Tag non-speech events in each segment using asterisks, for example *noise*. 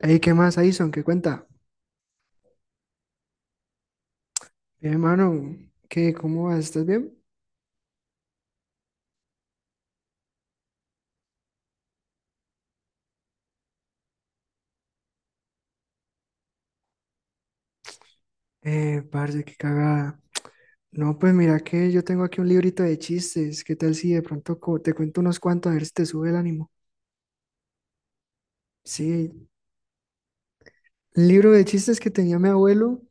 Ey, ¿qué más, Aison? ¿Qué cuenta? Bien, hermano, ¿qué? ¿Cómo vas? ¿Estás bien? Parce, qué cagada. No, pues mira que yo tengo aquí un librito de chistes. ¿Qué tal si de pronto te cuento unos cuantos a ver si te sube el ánimo? Sí, un libro de chistes que tenía mi abuelo,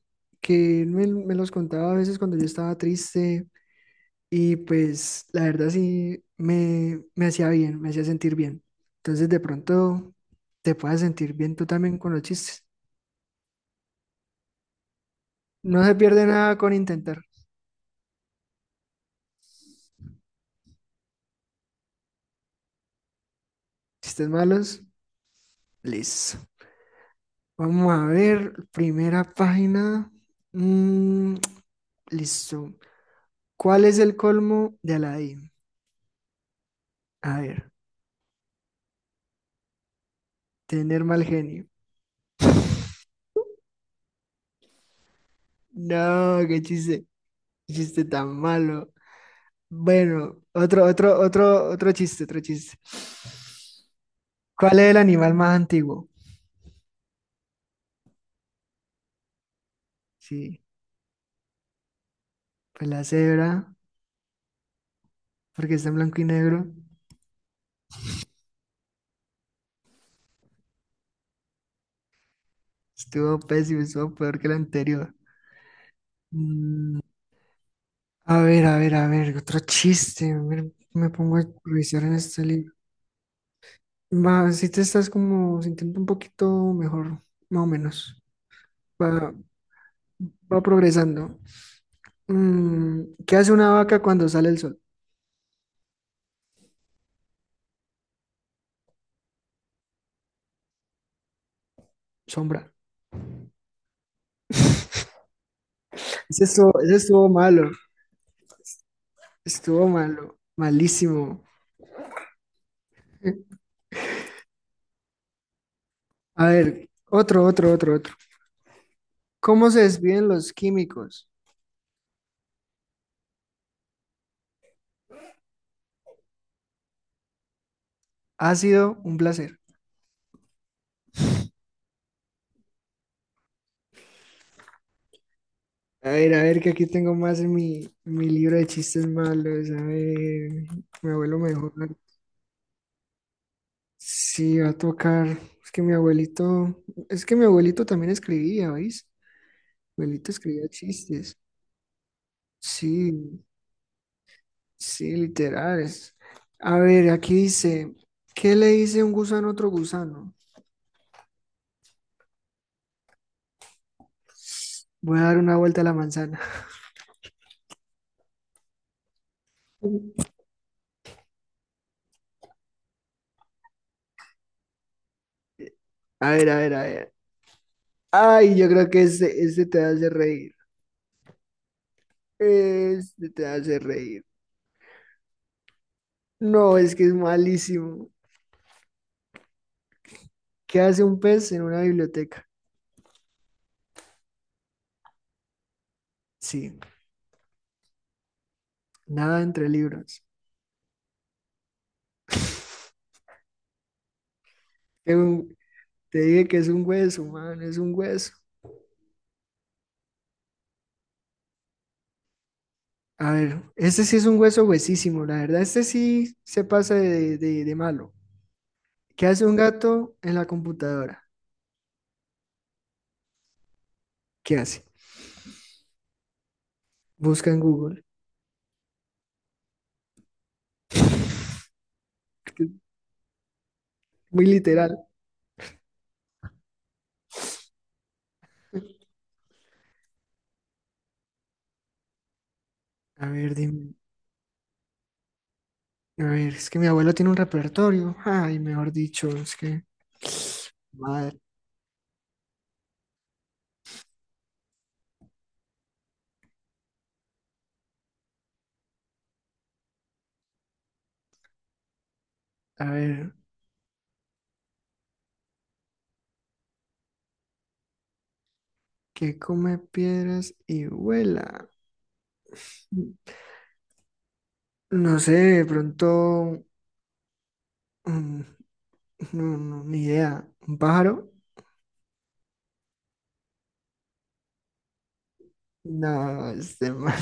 que él me los contaba a veces cuando yo estaba triste y pues la verdad sí me hacía bien, me hacía sentir bien. Entonces de pronto te puedas sentir bien tú también con los chistes. No se pierde nada con intentar. Chistes malos, listo. Vamos a ver, primera página. Mm, listo. ¿Cuál es el colmo de Aladdin? A ver, tener mal genio. No, qué chiste tan malo. Bueno, otro chiste, otro chiste. ¿Cuál es el animal más antiguo? Sí, pues la cebra, porque está en blanco y negro. Estuvo pésimo, estuvo peor que el anterior. Mm, A ver, otro chiste. A ver, me pongo a improvisar en este libro. Va, si te estás como sintiendo un poquito mejor, más o menos. Va, va progresando. ¿Qué hace una vaca cuando sale el sol? Sombra. Ese estuvo malo. Estuvo malo. Malísimo. A ver, otro. ¿Cómo se despiden los químicos? Ha sido un placer. Que aquí tengo más en mi libro de chistes malos. A ver, mi abuelo mejor. Sí, va a tocar. Es que mi abuelito, es que mi abuelito también escribía, ¿veis? Mi abuelito escribía chistes. Sí, sí, literales. A ver, aquí dice, ¿qué le dice un gusano a otro gusano? Voy a dar una vuelta a la manzana. *laughs* A ver. Ay, yo creo que este te hace reír. Este te hace reír. No, es que es malísimo. ¿Qué hace un pez en una biblioteca? Sí, nada entre libros. Es un- Te dije que es un hueso, man, es un hueso. A ver, este sí es un hueso huesísimo, la verdad, este sí se pasa de malo. ¿Qué hace un gato en la computadora? ¿Qué hace? Busca en Google. *laughs* Muy literal. A ver, dime. A ver, es que mi abuelo tiene un repertorio. Ay, mejor dicho, es que... Madre. A ver, ¿qué come piedras y vuela? No sé, de pronto Mm, *laughs* no, no, ni idea. ¿Un pájaro? No, este *laughs* man.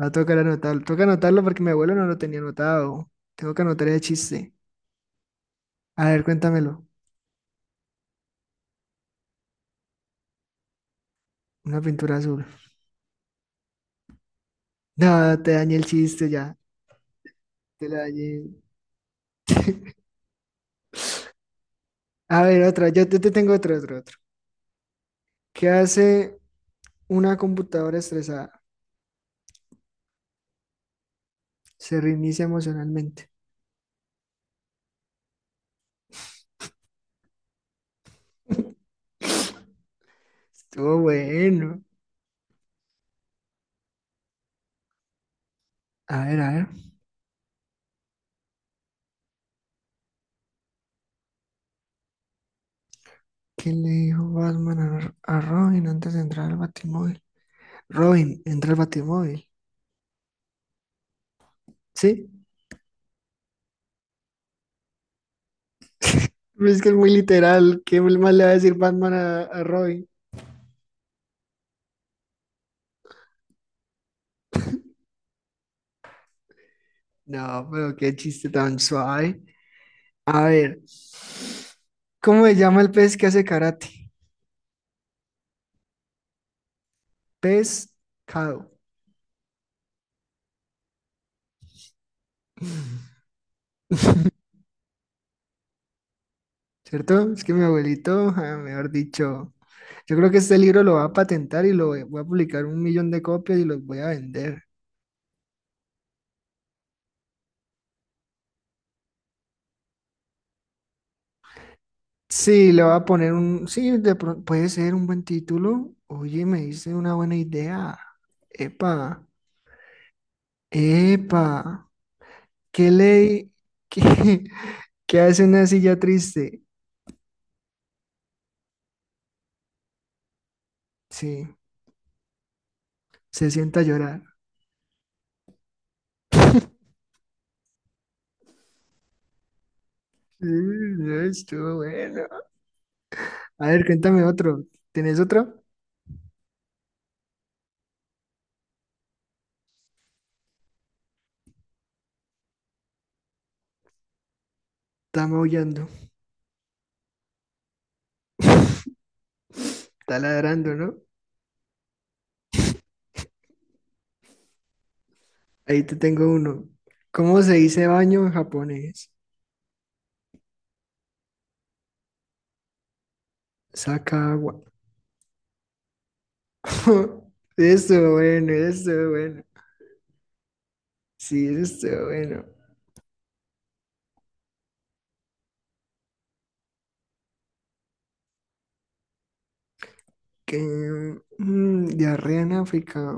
Va a tocar anotarlo. Toca anotarlo porque mi abuelo no lo tenía anotado. Tengo que anotar el chiste. A ver, cuéntamelo. Una pintura azul. No, te dañé el chiste ya. Te la dañé. A ver, otra. Te tengo otro. ¿Qué hace una computadora estresada? Se reinicia emocionalmente. Estuvo bueno. A ver. ¿Qué le dijo Batman a Robin antes de entrar al Batimóvil? Robin, entra al Batimóvil. ¿Sí? Pues es que es muy literal. ¿Qué más le va a decir Batman a Robin? No, pero qué chiste tan suave. A ver, ¿cómo se llama el pez que hace karate? Pescado. *laughs* ¿Cierto? Es que mi abuelito, ah, mejor dicho, yo creo que este libro lo va a patentar y lo voy a publicar 1 millón de copias y los voy a vender. Sí, le voy a poner un, sí, de pronto puede ser un buen título. Oye, me hice una buena idea. Epa, epa. ¿Qué ley? *laughs* ¿Qué, qué hace una silla triste? Sí, se sienta a llorar. Mm, no, estuvo bueno. A ver, cuéntame otro. ¿Tenés otro? Está maullando, está ladrando, ¿no? Ahí te tengo uno. ¿Cómo se dice baño en japonés? Saca agua. *laughs* Estuvo bueno, estuvo bueno. Sí, eso estuvo bueno. Que, diarrea en África.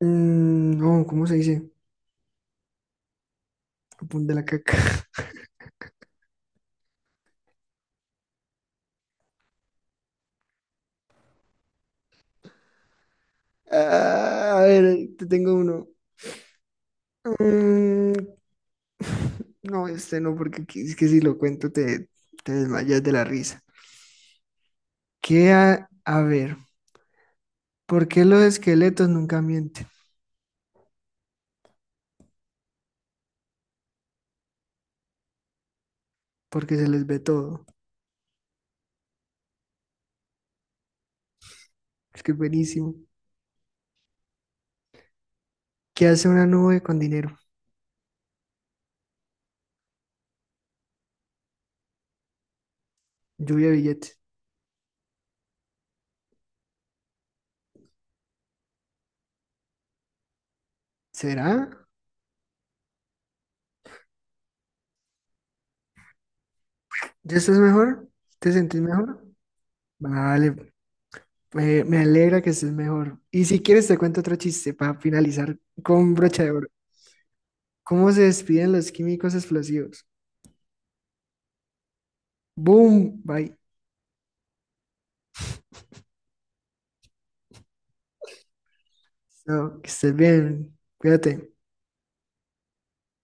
Mm, no, ¿cómo se dice? Japón de la caca. Ah, a ver, te tengo uno. Mm, *laughs* no, este no, porque aquí es que si lo cuento te desmayas de la risa. ¿Qué ver? ¿Por qué los esqueletos nunca mienten? Porque se les ve todo. Es que es buenísimo. ¿Qué hace una nube con dinero? Lluvia de billetes. ¿Será? ¿Ya estás mejor? ¿Te sentís mejor? Vale, me alegra que estés mejor. Y si quieres te cuento otro chiste para finalizar con brocha de oro. ¿Cómo se despiden los químicos explosivos? Boom, bye. Chao, que estés bien. Cuídate.